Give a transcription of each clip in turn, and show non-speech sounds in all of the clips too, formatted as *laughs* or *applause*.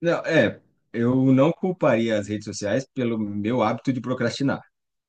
Não, eu não culparia as redes sociais pelo meu hábito de procrastinar,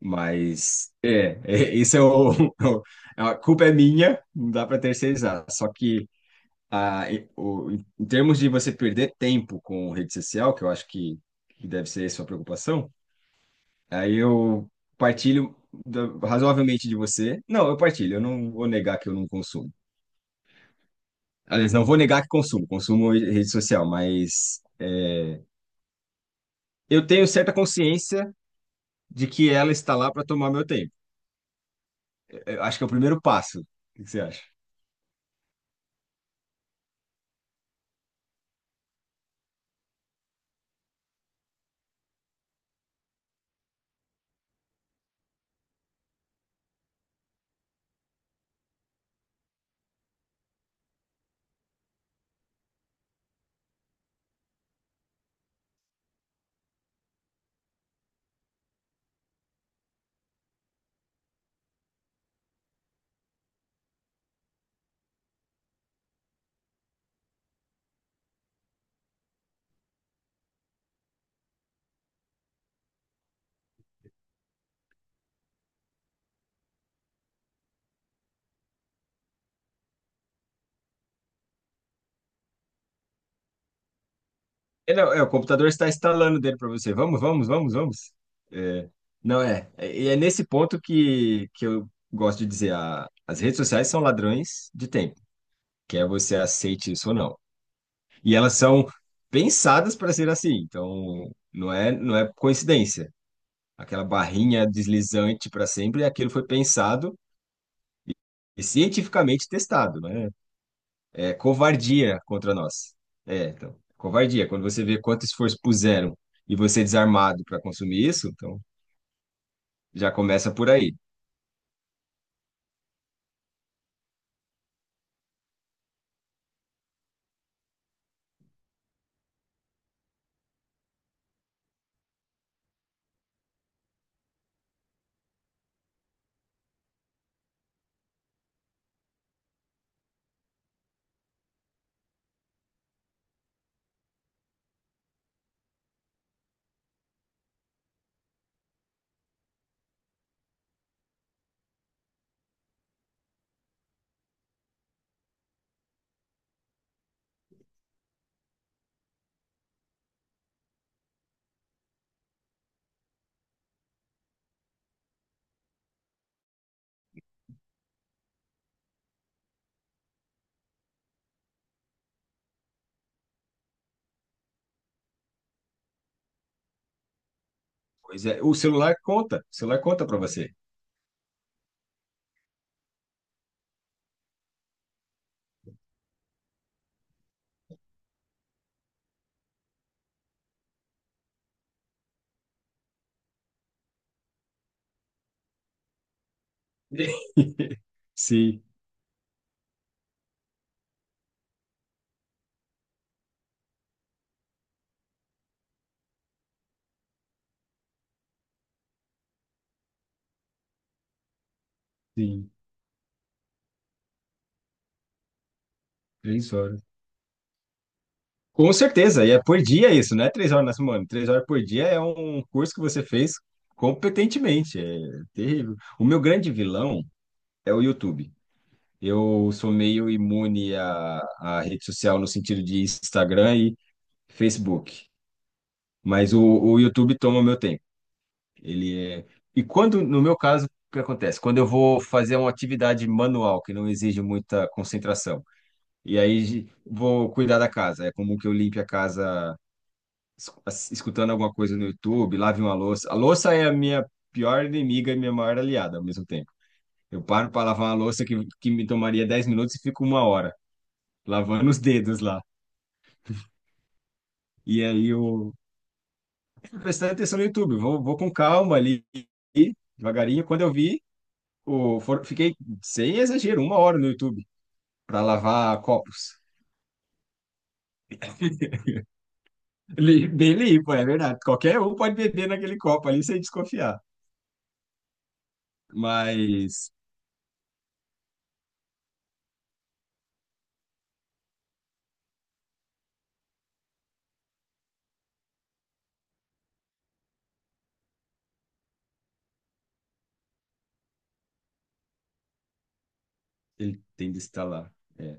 mas *laughs* a culpa é minha, não dá para terceirizar. Só que em termos de você perder tempo com rede social, que eu acho que deve ser a sua preocupação, aí eu partilho razoavelmente de você. Não, eu partilho, eu não vou negar que eu não consumo. Aliás, não vou negar que consumo, consumo rede social, mas é, eu tenho certa consciência de que ela está lá para tomar meu tempo. Eu acho que é o primeiro passo. O que que você acha? É, não, é, o computador está instalando dele para você. Vamos, vamos, vamos, vamos. É, não é. E é nesse ponto que eu gosto de dizer: as redes sociais são ladrões de tempo, quer você aceite isso ou não. E elas são pensadas para ser assim. Então, não é coincidência. Aquela barrinha deslizante para sempre, aquilo foi pensado e cientificamente testado, né? É covardia contra nós. É, então, covardia. Quando você vê quanto esforço puseram e você é desarmado para consumir isso, então já começa por aí. Pois é, o celular conta para você. *laughs* Sim, sim, 3 horas. Com certeza, e é por dia isso, não é 3 horas na semana. 3 horas por dia é um curso que você fez competentemente, é terrível. O meu grande vilão é o YouTube. Eu sou meio imune à, à rede social no sentido de Instagram e Facebook. Mas o YouTube toma meu tempo. Ele é... E quando, no meu caso, o que acontece? Quando eu vou fazer uma atividade manual que não exige muita concentração, e aí vou cuidar da casa. É comum que eu limpe a casa escutando alguma coisa no YouTube, lave uma louça. A louça é a minha pior inimiga e minha maior aliada ao mesmo tempo. Eu paro para lavar uma louça que me tomaria 10 minutos e fico uma hora lavando os dedos lá. E aí eu, prestando atenção no YouTube. Vou, vou com calma ali, devagarinho. Quando eu vi, fiquei, sem exagero, uma hora no YouTube para lavar copos. Bem limpo, é verdade. Qualquer um pode beber naquele copo ali sem desconfiar. Mas ele tem de estar lá. É,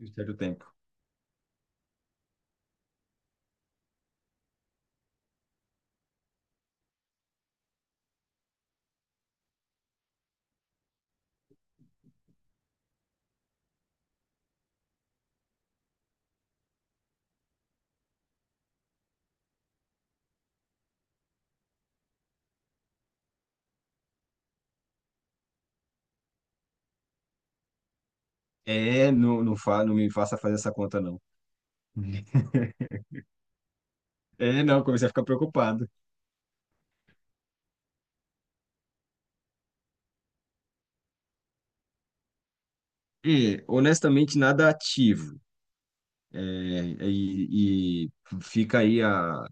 um certo tempo. Não, não me faça fazer essa conta, não. *laughs* É, não, comecei a ficar preocupado. E, honestamente, nada ativo. É, e fica aí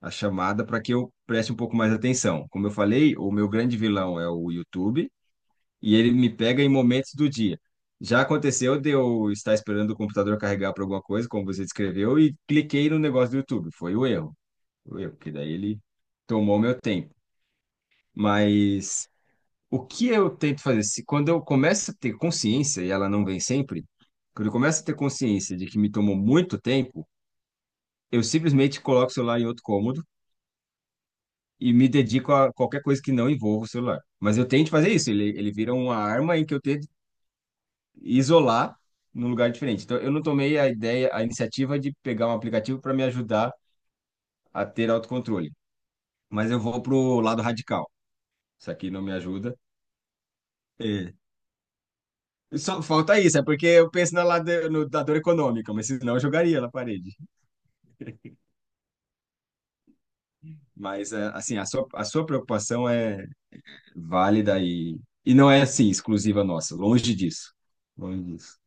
a chamada para que eu preste um pouco mais atenção. Como eu falei, o meu grande vilão é o YouTube e ele me pega em momentos do dia. Já aconteceu de eu estar esperando o computador carregar para alguma coisa, como você descreveu, e cliquei no negócio do YouTube. Foi o erro, porque daí ele tomou meu tempo. Mas o que eu tento fazer? Se, quando eu começo a ter consciência, e ela não vem sempre, quando eu começo a ter consciência de que me tomou muito tempo, eu simplesmente coloco o celular em outro cômodo e me dedico a qualquer coisa que não envolva o celular. Mas eu tento fazer isso, ele vira uma arma em que eu tento isolar num lugar diferente. Então, eu não tomei a ideia, a iniciativa de pegar um aplicativo para me ajudar a ter autocontrole, mas eu vou pro lado radical. Isso aqui não me ajuda. É. Só falta isso, é porque eu penso na lado, no, da dor econômica, mas senão eu jogaria na parede. A sua preocupação é válida e não é, assim, exclusiva nossa, longe disso. Longe disso.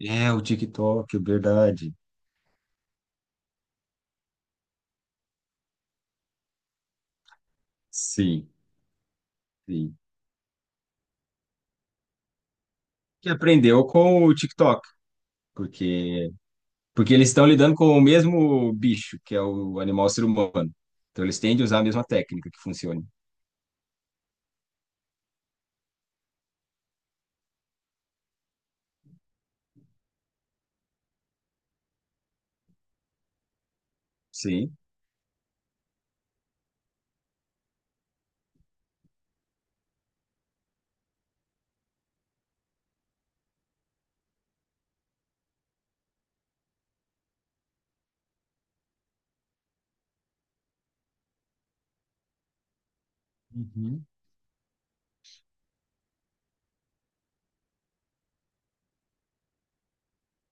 É, o TikTok, verdade. Sim, sim. Que aprendeu com o TikTok, porque porque eles estão lidando com o mesmo bicho, que é o animal ser humano. Então eles tendem a usar a mesma técnica que funciona. Sim, uhum.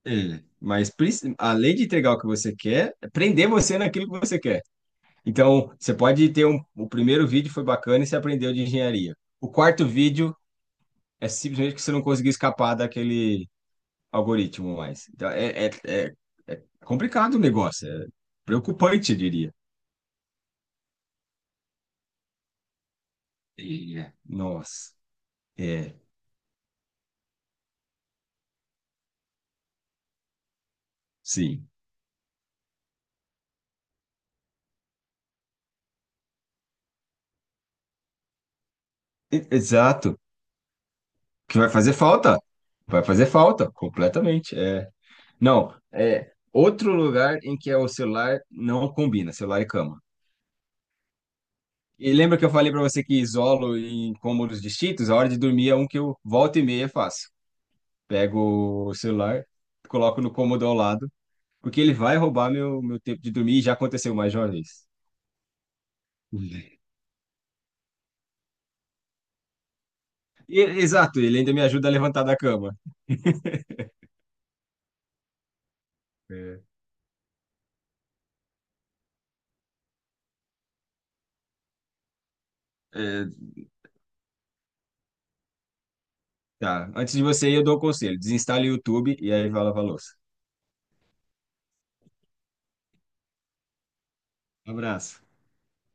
Mas além de entregar o que você quer, é prender você naquilo que você quer. Então, você pode ter um. O primeiro vídeo foi bacana e você aprendeu de engenharia. O quarto vídeo é simplesmente que você não conseguiu escapar daquele algoritmo mais. Então, é complicado o negócio, é preocupante, eu diria. É. Nossa, é, sim. Exato. Que vai fazer falta. Vai fazer falta, completamente. É. Não, é outro lugar em que é o celular não combina, celular e cama. E lembra que eu falei para você que isolo em cômodos distintos? A hora de dormir é um que eu volta e meia faço. Pego o celular, coloco no cômodo ao lado, porque ele vai roubar meu tempo de dormir e já aconteceu mais de uma vez. Exato, ele ainda me ajuda a levantar da cama. É. É, tá, antes de você ir, eu dou o conselho: desinstale o YouTube e aí vai lavar a louça. Abraço.